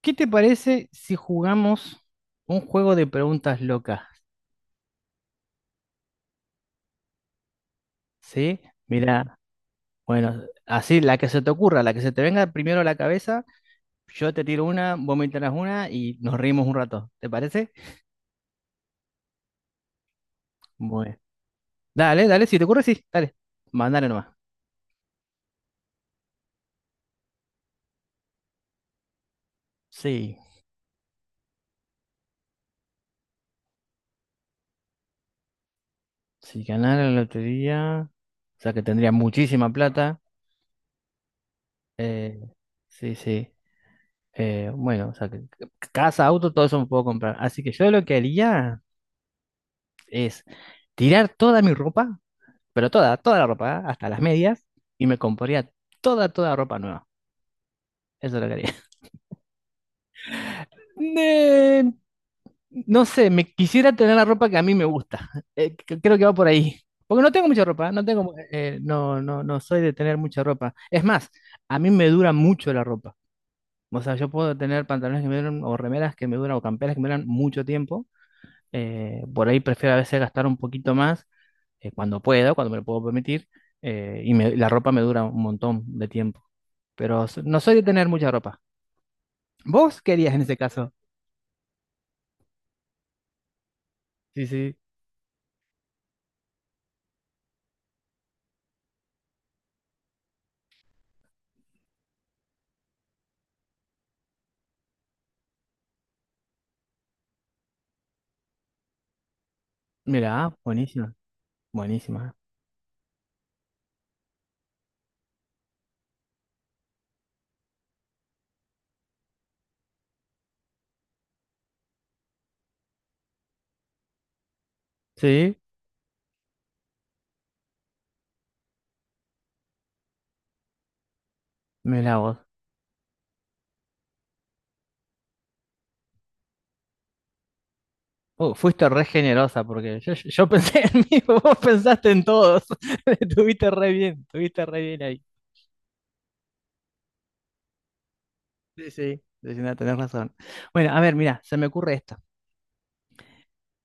¿Qué te parece si jugamos un juego de preguntas locas? ¿Sí? Mira, bueno, así la que se te ocurra, la que se te venga primero a la cabeza, yo te tiro una, vos me tiras una y nos reímos un rato. ¿Te parece? Bueno, dale, dale, si te ocurre, sí, dale, mandale nomás. Sí, si ganara la lotería, o sea que tendría muchísima plata. eh, sí, sí. Bueno, o sea que casa, auto, todo eso me puedo comprar. Así que yo lo que haría es tirar toda mi ropa. Pero toda, toda la ropa, ¿ah? Hasta las medias, y me compraría toda, toda ropa nueva. Eso es lo que haría. Eh, no sé, me quisiera tener la ropa que a mí me gusta. Creo que va por ahí. Porque no tengo mucha ropa, no tengo, no, no, no soy de tener mucha ropa. Es más, a mí me dura mucho la ropa. O sea, yo puedo tener pantalones que me duran, o remeras que me duran, o camperas que me duran mucho tiempo. Por ahí prefiero a veces gastar un poquito más cuando puedo, cuando me lo puedo permitir. Y la ropa me dura un montón de tiempo. Pero no soy de tener mucha ropa. ¿Vos querías en ese caso? Sí, sí. Mira, ah, buenísima, buenísima. Sí, mira vos. Fuiste re generosa porque yo pensé en mí, vos pensaste en todos. Estuviste re bien ahí. Sí, sí, sí, no, tenés razón. Bueno, a ver, mira, se me ocurre esto.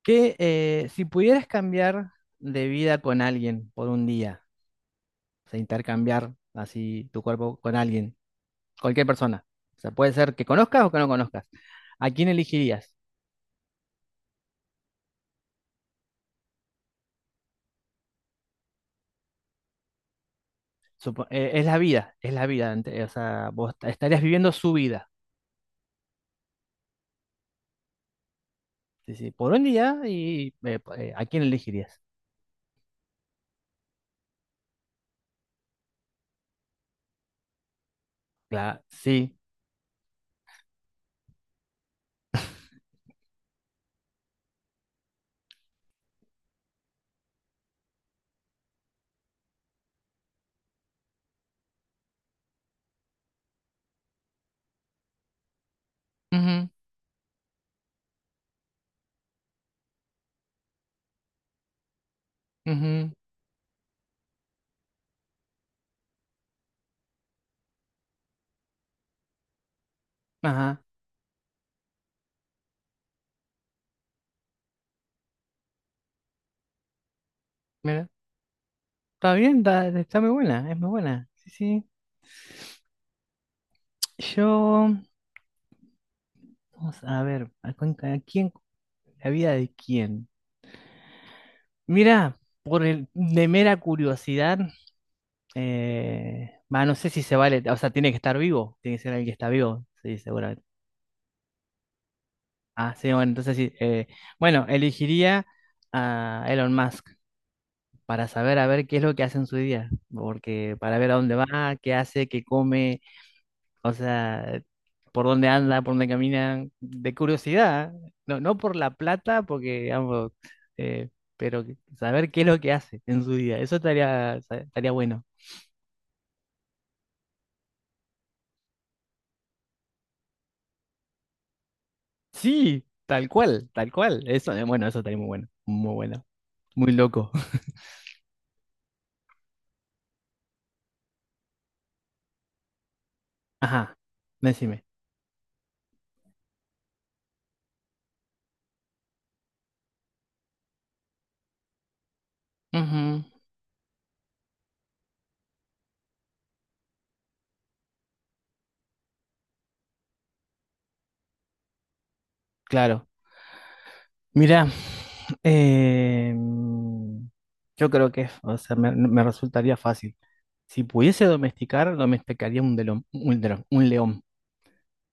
Que si pudieras cambiar de vida con alguien por un día, o sea, intercambiar así tu cuerpo con alguien, cualquier persona. O sea, puede ser que conozcas o que no conozcas. ¿A quién elegirías? Es la vida, es la vida. O sea, vos estarías viviendo su vida. Sí, sí, por un día y ¿a quién elegirías? Claro, sí. Ujú, ujú, ajá. Mira, está bien, está muy buena, es muy buena. Sí, sí. Yo, vamos a ver, ¿a quién, la vida de quién? Mira, de mera curiosidad. Bah, no sé si se vale, o sea, tiene que estar vivo, tiene que ser alguien que está vivo, sí, seguramente. Ah, sí, bueno, entonces sí. Bueno, elegiría a Elon Musk para saber a ver qué es lo que hace en su día, porque para ver a dónde va, qué hace, qué come, o sea, por dónde anda, por dónde camina, de curiosidad, ¿eh? No, no por la plata, porque digamos, eh, pero saber qué es lo que hace en su día, eso estaría bueno. Sí, tal cual, tal cual. Eso estaría muy bueno, muy bueno, muy loco. Ajá, decime. Ujú, claro. Mira, eh, yo creo que, o sea, me resultaría fácil. Si pudiese domesticar, domesticaría un león.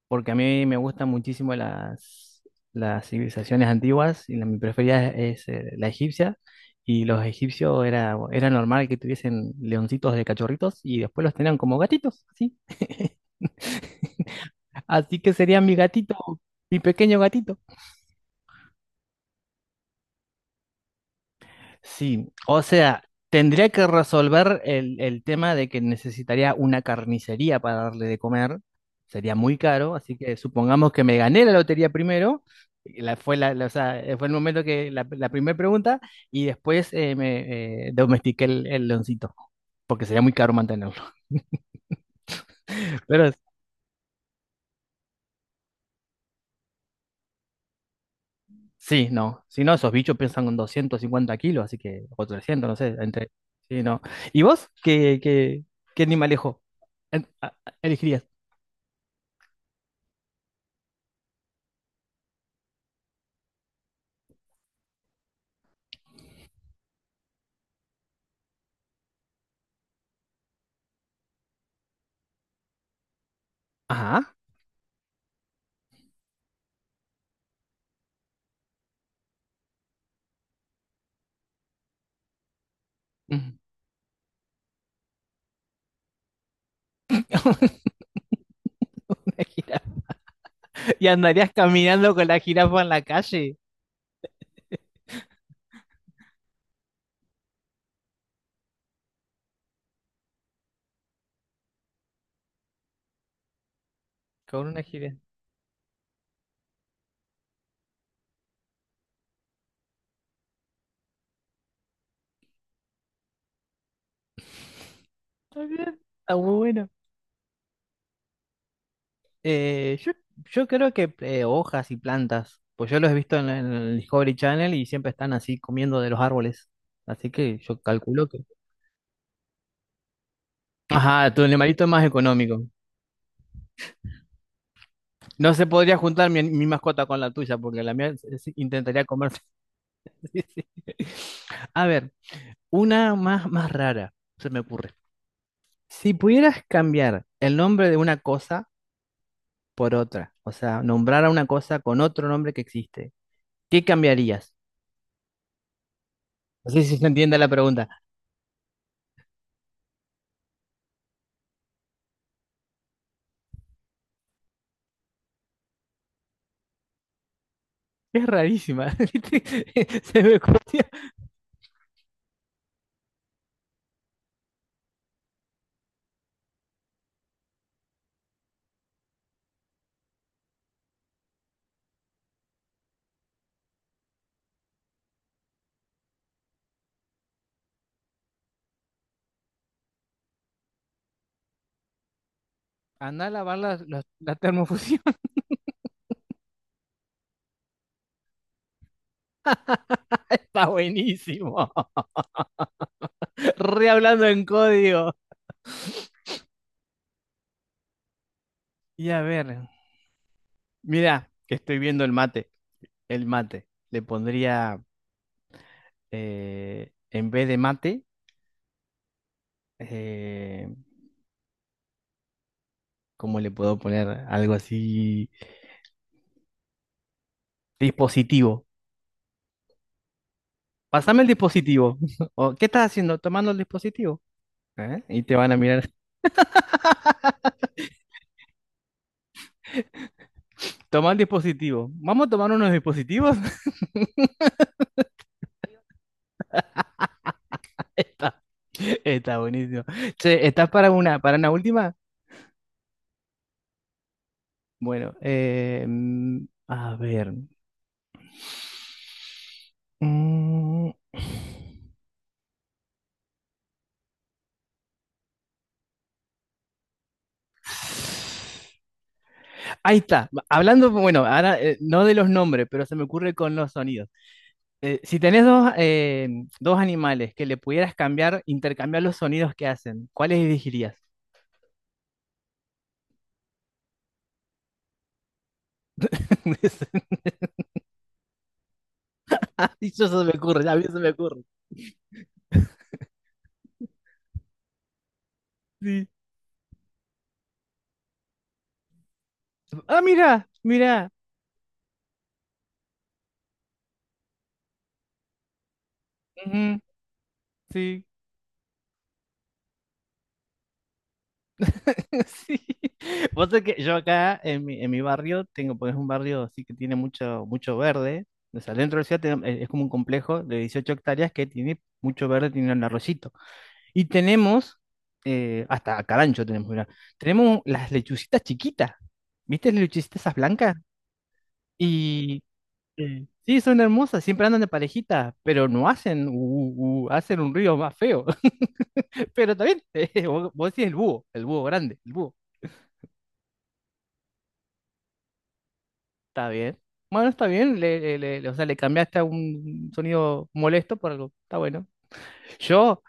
Porque a mí me gustan muchísimo las civilizaciones antiguas y mi preferida es la egipcia. Y los egipcios era normal que tuviesen leoncitos de cachorritos y después los tenían como gatitos, así. Así que sería mi gatito, mi pequeño gatito. Sí, o sea, tendría que resolver el tema de que necesitaría una carnicería para darle de comer. Sería muy caro, así que supongamos que me gané la lotería primero. Y La, fue, la- o sea, fue el momento que la primera pregunta. Y después me domestiqué el leoncito, porque sería muy caro mantenerlo. Pero sí, no, si no, esos bichos pesan con 250 kilos, así que, o 300, no sé, entre, sí, no. ¿Y vos qué animalejo eh, a- elegirías? Ajá. Ujú. Una jirafa. Y andarías caminando con la jirafa en la calle. Con una jirafa. Está bien, está muy bueno. Eh, yo, yo creo que hojas y plantas. Pues yo los he visto en el Discovery Channel y siempre están así comiendo de los árboles. Así que yo calculo que. Ajá, tu animalito es más económico. No se podría juntar mi mascota con la tuya, porque la mía intentaría comerse. Sí, sí. A ver, una más, más rara, se me ocurre. Si pudieras cambiar el nombre de una cosa por otra, o sea, nombrar a una cosa con otro nombre que existe, ¿qué cambiarías? No sé si se entiende la pregunta. Es rarísima. ¿viste? Se me ocurrió. Andá a lavar la termofusión. Está buenísimo. Re hablando en código. Y a ver, mira, que estoy viendo el mate. El mate. Le pondría, en vez de mate, eh, ¿cómo le puedo poner algo así? Dispositivo. Pásame el dispositivo. O, ¿qué estás haciendo? Tomando el dispositivo. ¿Eh? Y te van a mirar. Toma el dispositivo. Vamos a tomar unos dispositivos. Está buenísimo. Che, ¿estás para una última? Bueno, a ver. Mm. Ahí está. Hablando, bueno, ahora no de los nombres, pero se me ocurre con los sonidos. Si tenés dos animales que le pudieras cambiar, intercambiar los sonidos que hacen, ¿cuáles elegirías? Y eso se me ocurre, ya a mí se me ocurre. Sí. Ah, mira, mira. Ujú, sí. Sí. Vos sabés que yo acá en mi barrio tengo, pues es un barrio así que tiene mucho, mucho verde. O sea, dentro de la ciudad es como un complejo de 18 hectáreas que tiene mucho verde, tiene un arroyito. Y tenemos, hasta carancho tenemos, mirá. Tenemos las lechucitas chiquitas. ¿Viste las lechucitas esas blancas? Y Sí, sí, son hermosas, siempre andan de parejita, pero no hacen, hacen un ruido más feo. Pero está bien, vos decís el búho grande, el búho. Está bien. Bueno, está bien, o sea, le cambiaste a un sonido molesto por algo. Está bueno. Yo,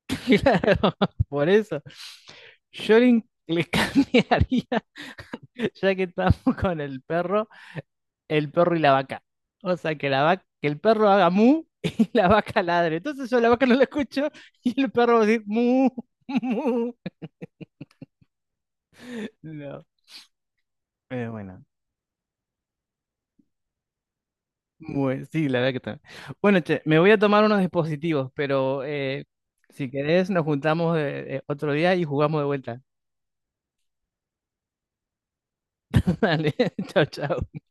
claro, por eso. Yo le cambiaría, ya que estamos con el perro. El perro y la vaca. O sea, que el perro haga mu y la vaca ladre. Entonces yo la vaca no la escucho y el perro va a decir mu, mu. No, pero bueno. Bueno, sí, la verdad que está. Bueno, che, me voy a tomar unos dispositivos, pero si querés nos juntamos otro día y jugamos de vuelta. Dale, chao, chao.